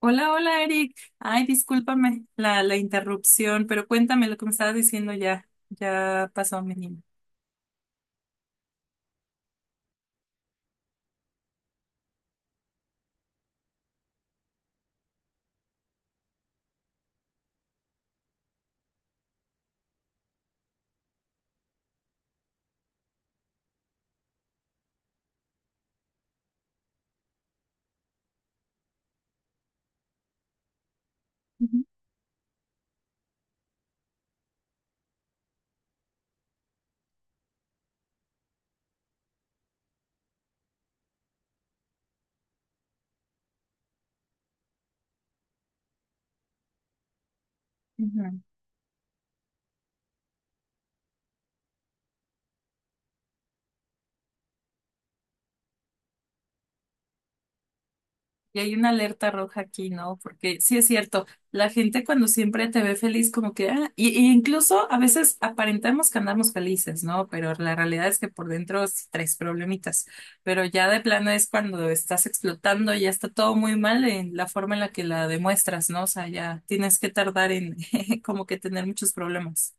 Hola, hola Eric. Ay, discúlpame la interrupción, pero cuéntame lo que me estabas diciendo ya. Ya pasó, mi niño. Ujú. Ujú. Y hay una alerta roja aquí, ¿no? Porque sí es cierto, la gente cuando siempre te ve feliz, como que, ah, y incluso a veces aparentamos que andamos felices, ¿no? Pero la realidad es que por dentro sí traes problemitas. Pero ya de plano es cuando estás explotando, ya está todo muy mal en la forma en la que la demuestras, ¿no? O sea, ya tienes que tardar en como que tener muchos problemas.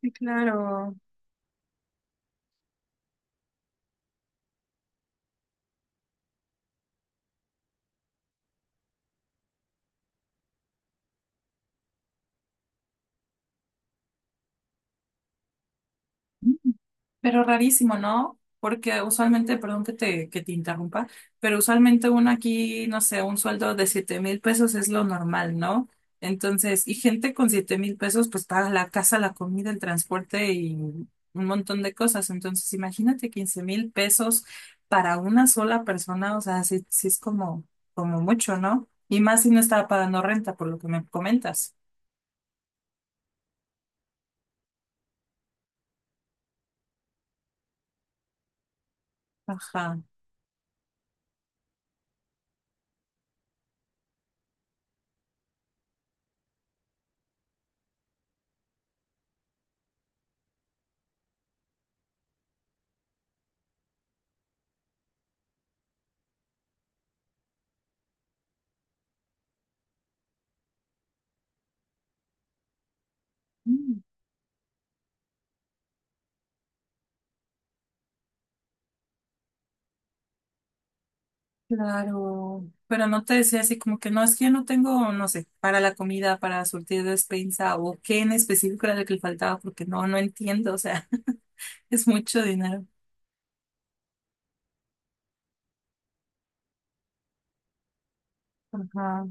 Sí, claro. Pero rarísimo, ¿no? Porque usualmente, perdón que te interrumpa, pero usualmente uno aquí, no sé, un sueldo de 7000 pesos es lo normal, ¿no? Entonces, y gente con 7000 pesos, pues paga la casa, la comida, el transporte y un montón de cosas. Entonces, imagínate 15000 pesos para una sola persona, o sea, sí, sí es como, como mucho, ¿no? Y más si no estaba pagando renta, por lo que me comentas. Ajá. Claro, pero no te decía así como que no, es que yo no tengo, no sé, para la comida, para surtir despensa o qué en específico era lo que le faltaba, porque no, no entiendo, o sea, es mucho dinero. Ajá,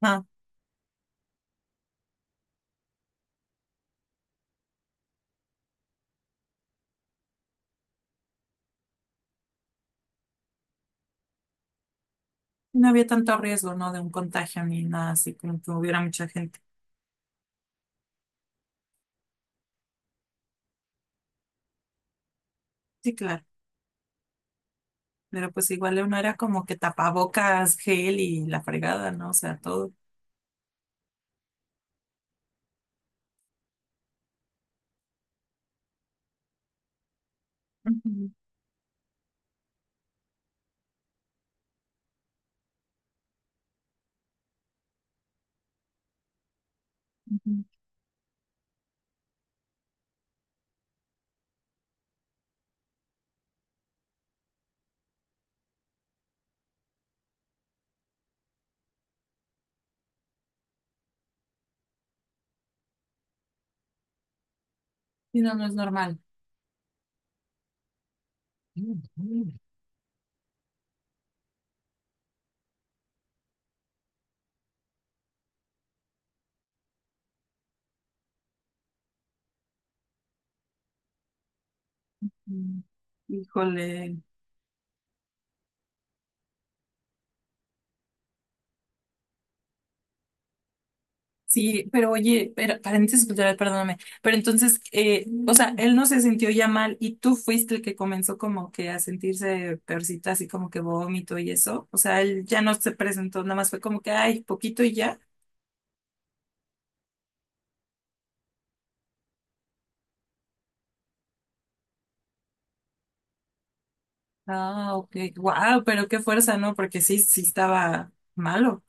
ajá. No había tanto riesgo, ¿no? De un contagio ni nada así, como que hubiera mucha gente. Sí, claro, pero pues igual uno era como que tapabocas, gel y la fregada, ¿no? O sea, todo. Ujú, ujú. Y no, no es normal. Mm. Híjole. Sí, pero oye, pero, paréntesis cultural, perdóname, pero entonces, o sea, él no se sintió ya mal y tú fuiste el que comenzó como que a sentirse peorcita, así como que vómito y eso, o sea, él ya no se presentó, nada más fue como que, ay, poquito y ya. Ah, ok, wow, pero qué fuerza, ¿no? Porque sí, sí estaba malo,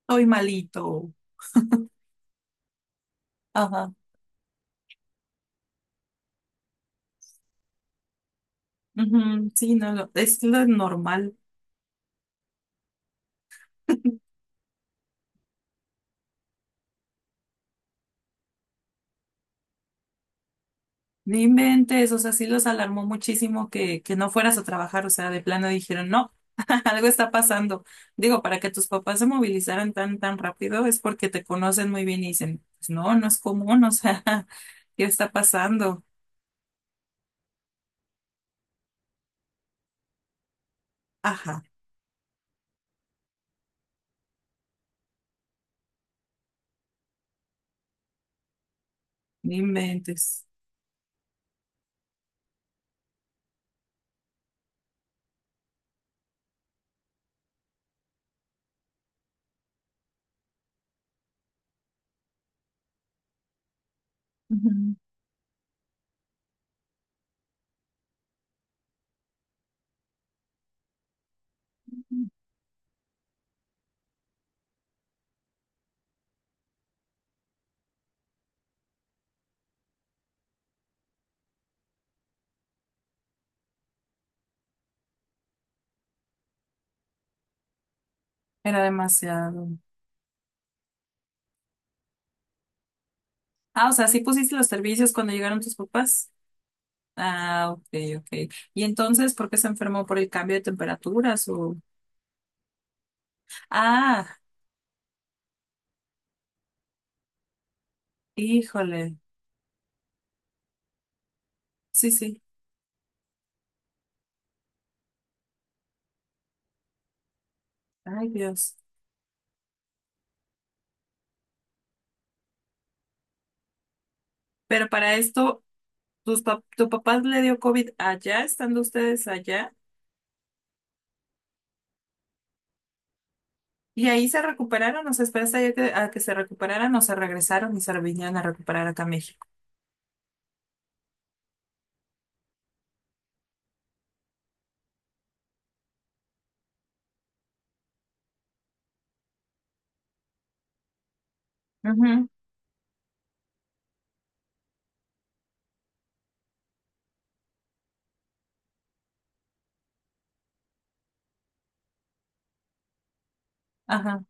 estoy malito. Ajá, ujú, sí, no, lo- es lo normal. No inventes, o sea, sí los alarmó muchísimo que no fueras a trabajar, o sea, de plano dijeron, no, algo está pasando. Digo, para que tus papás se movilizaran tan, tan rápido es porque te conocen muy bien y dicen, pues no, no es común, o sea, ¿qué está pasando? Ajá, no inventes, era demasiado. Ah, o sea, sí pusiste los servicios cuando llegaron tus papás. Ah, ok, ok. ¿Y entonces por qué se enfermó por el cambio de temperaturas o... Ah, híjole, sí, sí, ay Dios. Pero para esto, tus pap- tu papá le dio COVID allá, estando ustedes allá, y ahí se recuperaron, o sea, esperaste ahí a que se recuperaran, o se regresaron y se vinieron a recuperar acá a México. Ujú, ajá,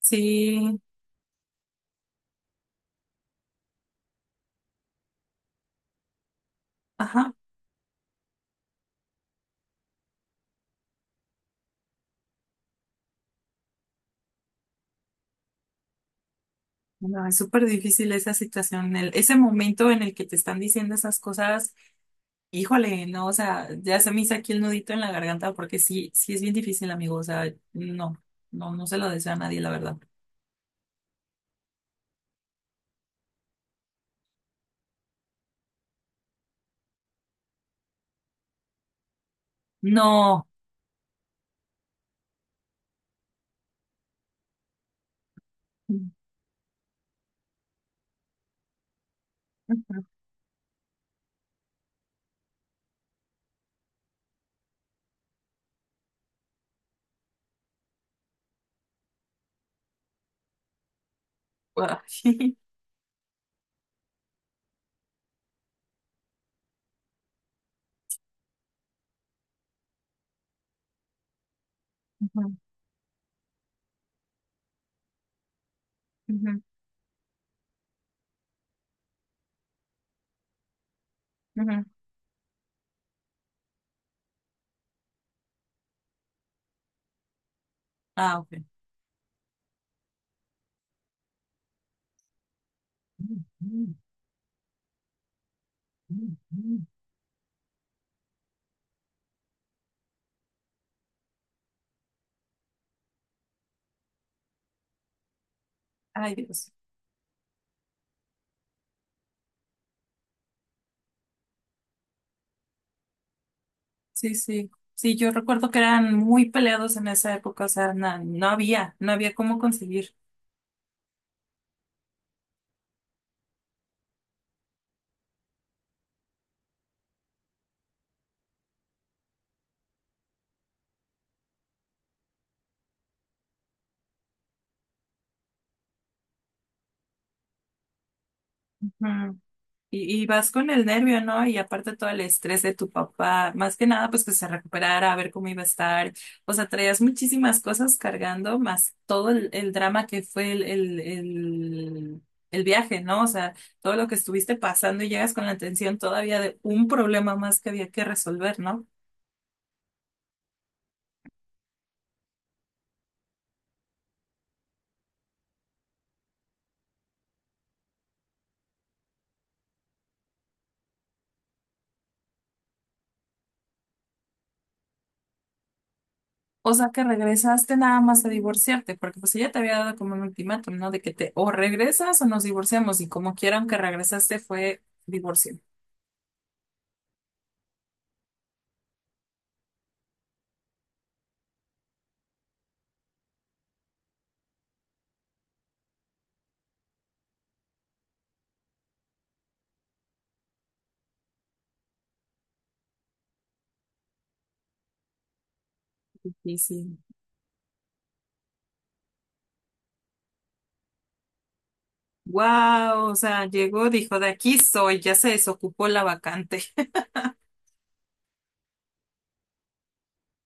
sí, ajá. No, es súper difícil esa situación, el- ese momento en el que te están diciendo esas cosas, híjole, no, o sea, ya se me hizo aquí el nudito en la garganta porque sí, sí es bien difícil, amigo, o sea, no, no, no se lo deseo a nadie, la verdad. No. Ujú. Ay. Ujú. Ujú. Ujú. Ah, ok. Ay, Dios. Sí, sí. Sí, yo recuerdo que eran muy peleados en esa época, o sea, na- no, había, no había cómo conseguir. Ujú. Y vas con el nervio, ¿no? Y aparte todo el estrés de tu papá, más que nada, pues que se recuperara, a ver cómo iba a estar. O sea, traías muchísimas cosas cargando, más todo el drama que fue el viaje, ¿no? O sea, todo lo que estuviste pasando y llegas con la atención todavía de un problema más que había que resolver, ¿no? O sea que regresaste nada más a divorciarte, porque pues ella te había dado como un ultimátum, ¿no? De que te o regresas o nos divorciamos, y como quieran que regresaste fue divorcio. Y sí. Wow, o sea, llegó, dijo, de aquí soy, ya se desocupó la vacante.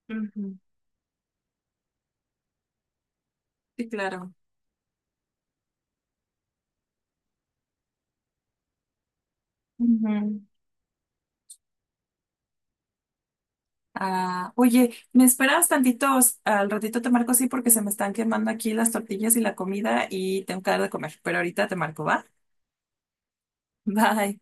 Ujú, sí, claro. Ujú. Ah, oye, ¿me esperas tantitos? Al ratito te marco, sí, porque se me están quemando aquí las tortillas y la comida y tengo que dar de comer, pero ahorita te marco, ¿va? Bye.